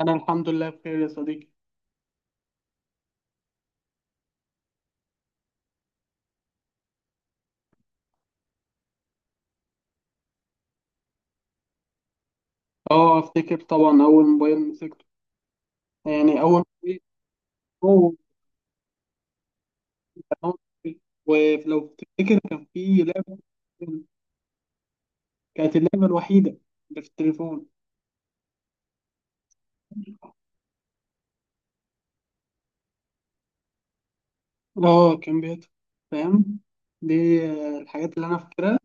انا الحمد لله بخير يا صديقي. اه افتكر طبعا اول موبايل مسكته. يعني اول موبايل هو كان موبايل. ولو تفتكر كان في لعبه، كانت اللعبه الوحيده اللي في التليفون. اه كان بيت، فاهم دي. الحاجات اللي انا فاكرها.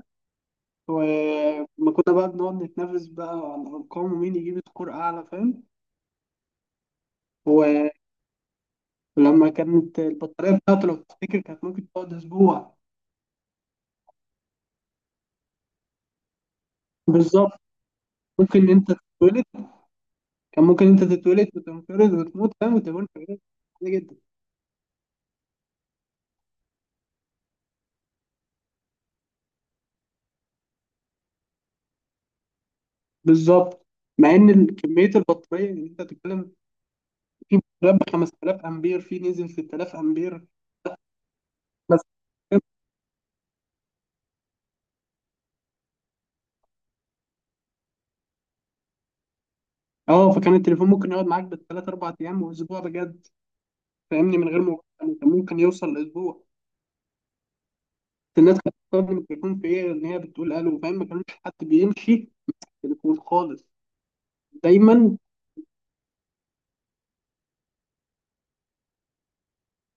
ولما كنا بقى بنقعد نتنافس بقى على الارقام ومين يجيب سكور اعلى، فاهم. ولما كانت البطاريه بتاعته، لو تفتكر، كانت ممكن تقعد اسبوع. بالظبط. ممكن انت تتولد كان ممكن انت تتولد وتنقرض وتموت، فاهم، وتكون حاجه عادية جدا. بالظبط، مع ان كميه البطاريه اللي انت بتتكلم في بطاريات ب 5000 امبير، في نزل 6000 امبير بس. اه فكان التليفون ممكن يقعد معاك بالثلاث اربع ايام واسبوع بجد، فاهمني، من غير مبالغه. يعني كان ممكن يوصل لاسبوع. الناس كانت بتستخدم التليفون في ايه؟ ان هي بتقول الو، فاهم. ما كانش حد بيمشي تليفون خالص دايما.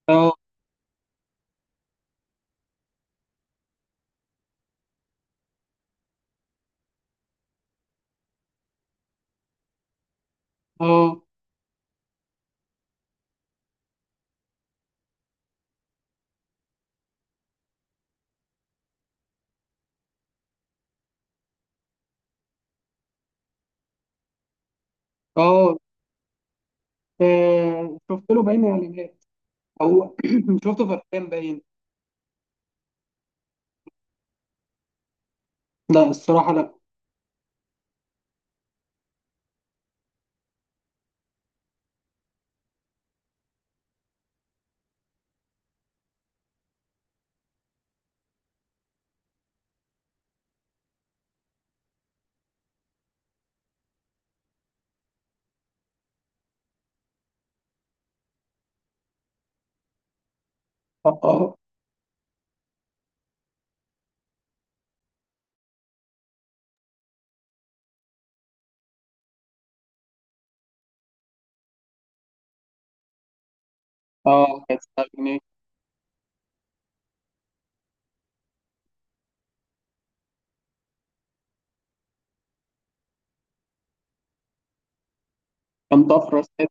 اه اه اه شفت له باين اعلانات، او شفته فرحان باين. لا الصراحة لا. اه اه. كانت 7 جنيه. كان طفرة استاذ.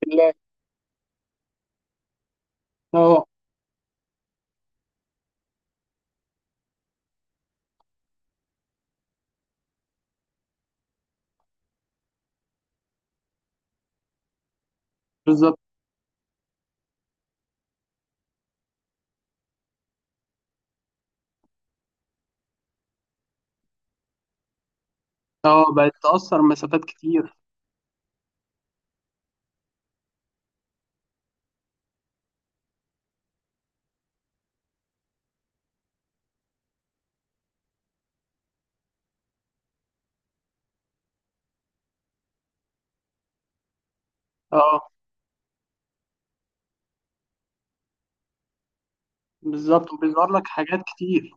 بالله. اه. بالظبط. اه بقت تأثر مسافات كتير. اه بالظبط، وبيظهر لك حاجات كتير.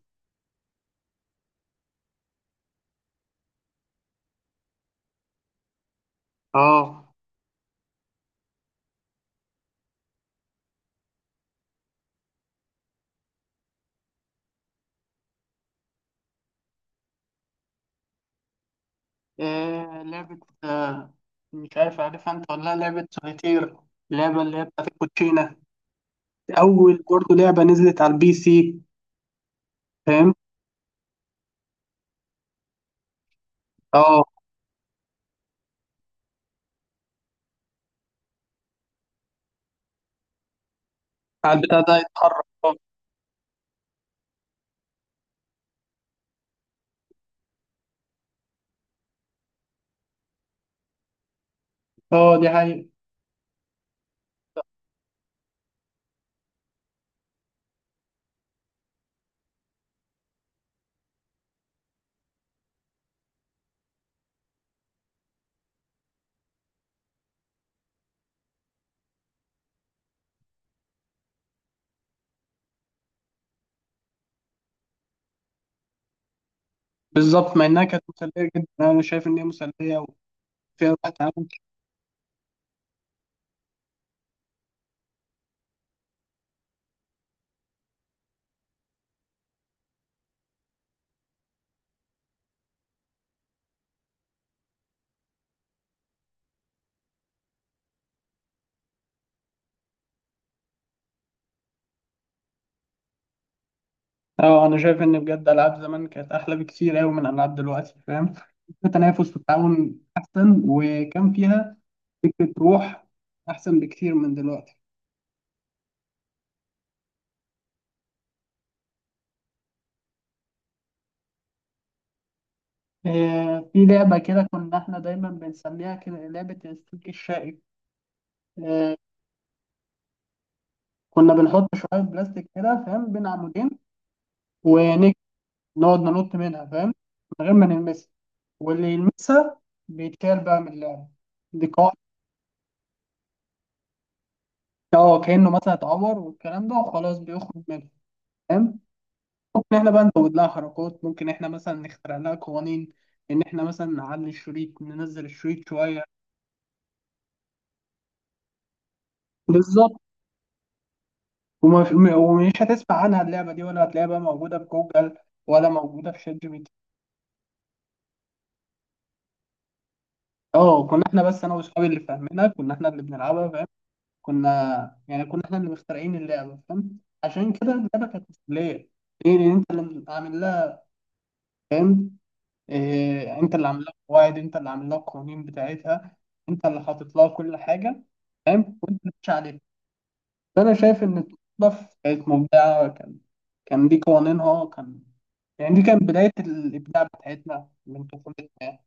اه لعبة. مش عارف، عارفها انت ولا لا؟ لعبة سوليتير، اللعبة اللي هي بتاعت الكوتشينة. أول برضه لعبة نزلت على البي سي. فاهم. اه على البتاع ده يتحرك، اه. اه دي حقيقة. بالظبط، مع إنها كانت مسلية جدا. أنا شايف إن هي مسلية وفيها روح تعاون. اه انا شايف ان بجد العاب زمان كانت احلى بكتير قوي من العاب دلوقتي، فاهم. في تنافس والتعاون احسن، وكان فيها فكره روح احسن بكتير من دلوقتي. آه، في لعبه كده كنا احنا دايما بنسميها كده لعبه السلك الشائك. آه، كنا بنحط شويه بلاستيك كده، فاهم، بين عمودين. ونك نقعد ننط منها، فاهم، من غير ما نلمسها. واللي يلمسها بيتكال بقى من اللعبه. دي قاعده. اه، كانه مثلا اتعور والكلام ده، وخلاص بيخرج منها، فاهم. ممكن احنا بقى نزود لها حركات، ممكن احنا مثلا نخترع لها قوانين، ان احنا مثلا نعلي الشريط، ننزل الشريط شويه. بالظبط. ومش هتسمع عنها اللعبه دي، ولا هتلاقيها بقى موجوده في جوجل، ولا موجوده في شات جي بي تي. اه كنا احنا بس انا واصحابي اللي فاهمينها. كنا احنا اللي بنلعبها، فاهم. كنا يعني كنا احنا اللي مخترعين اللعبه، فاهم. عشان كده اللعبه كانت مسليه. ايه اللي انت اللي عامل لها، فاهم. إيه، انت اللي عامل لها قواعد، انت اللي عامل لها القوانين بتاعتها، انت اللي حاطط لها كل حاجه، فاهم. وانت اللي ماشي عليها. فانا شايف ان التنظيف كانت مبدعه. كان كان دي قوانينها يعني دي كانت بدايه الابداع بتاعتنا من طفولتنا يعني.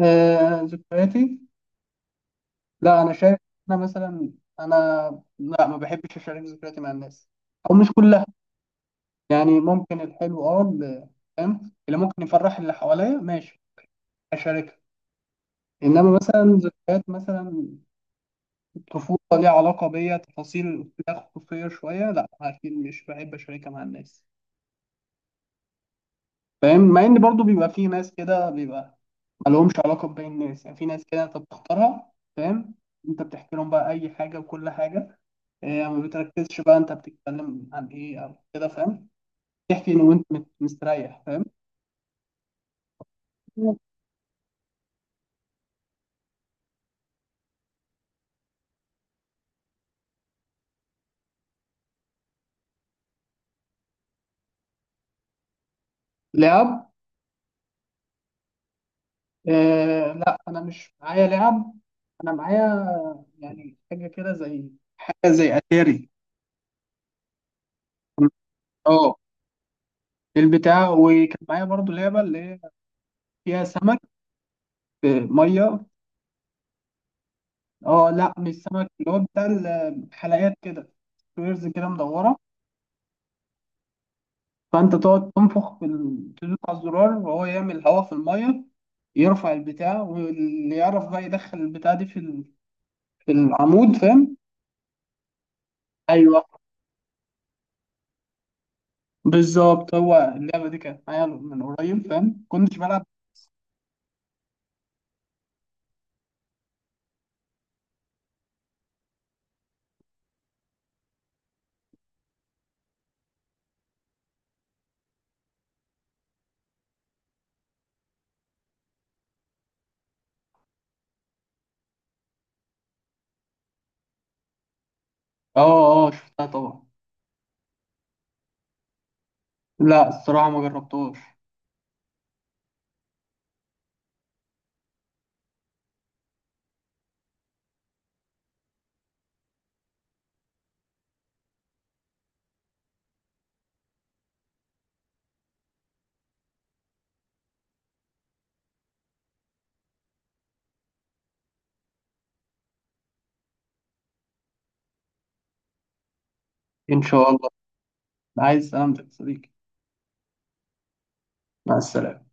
آه ذكرياتي. لا انا شايف. انا مثلا انا لا، ما بحبش اشارك ذكرياتي مع الناس، او مش كلها. يعني ممكن الحلو، اه فاهم، اللي ممكن يفرح اللي حواليا، ماشي، اشارك. انما مثلا ذكريات مثلا الطفوله، ليها علاقه بيا، تفاصيل فيها خصوصيه شويه، لا اكيد مش بحب اشاركها مع الناس، فاهم. مع ان برضو بيبقى في ناس كده، بيبقى ما لهمش علاقه بباقي الناس. يعني في ناس كده انت بتختارها، فاهم. انت بتحكي لهم بقى اي حاجه وكل حاجه. إيه، ما بتركزش بقى انت بتتكلم عن ايه او كده، فاهم. تحكي إن وانت مستريح، فاهم. لعب إيه؟ لا، انا مش معايا لعب. انا معايا يعني حاجه كده زي، حاجه زي اتاري. اه البتاع. وكان معايا برضو لعبة اللي هي فيها سمك، آه، مية. اه لا، مش سمك. اللي هو بتاع الحلقات كده، سكويرز كده مدورة. فأنت تقعد تنفخ في تدوس على الزرار وهو يعمل هواء في المية، يرفع البتاع. واللي يعرف بقى يدخل البتاع دي في في العمود، فاهم. ايوه، بالظبط. هو اللعبة دي كانت معايا من قريب، فاهم، كنتش بلعب. اه اه شفتها طبعا. لا الصراحة ما جربتهاش. ان شاء الله. عايز سلامتك يا صديقي. مع السلامة.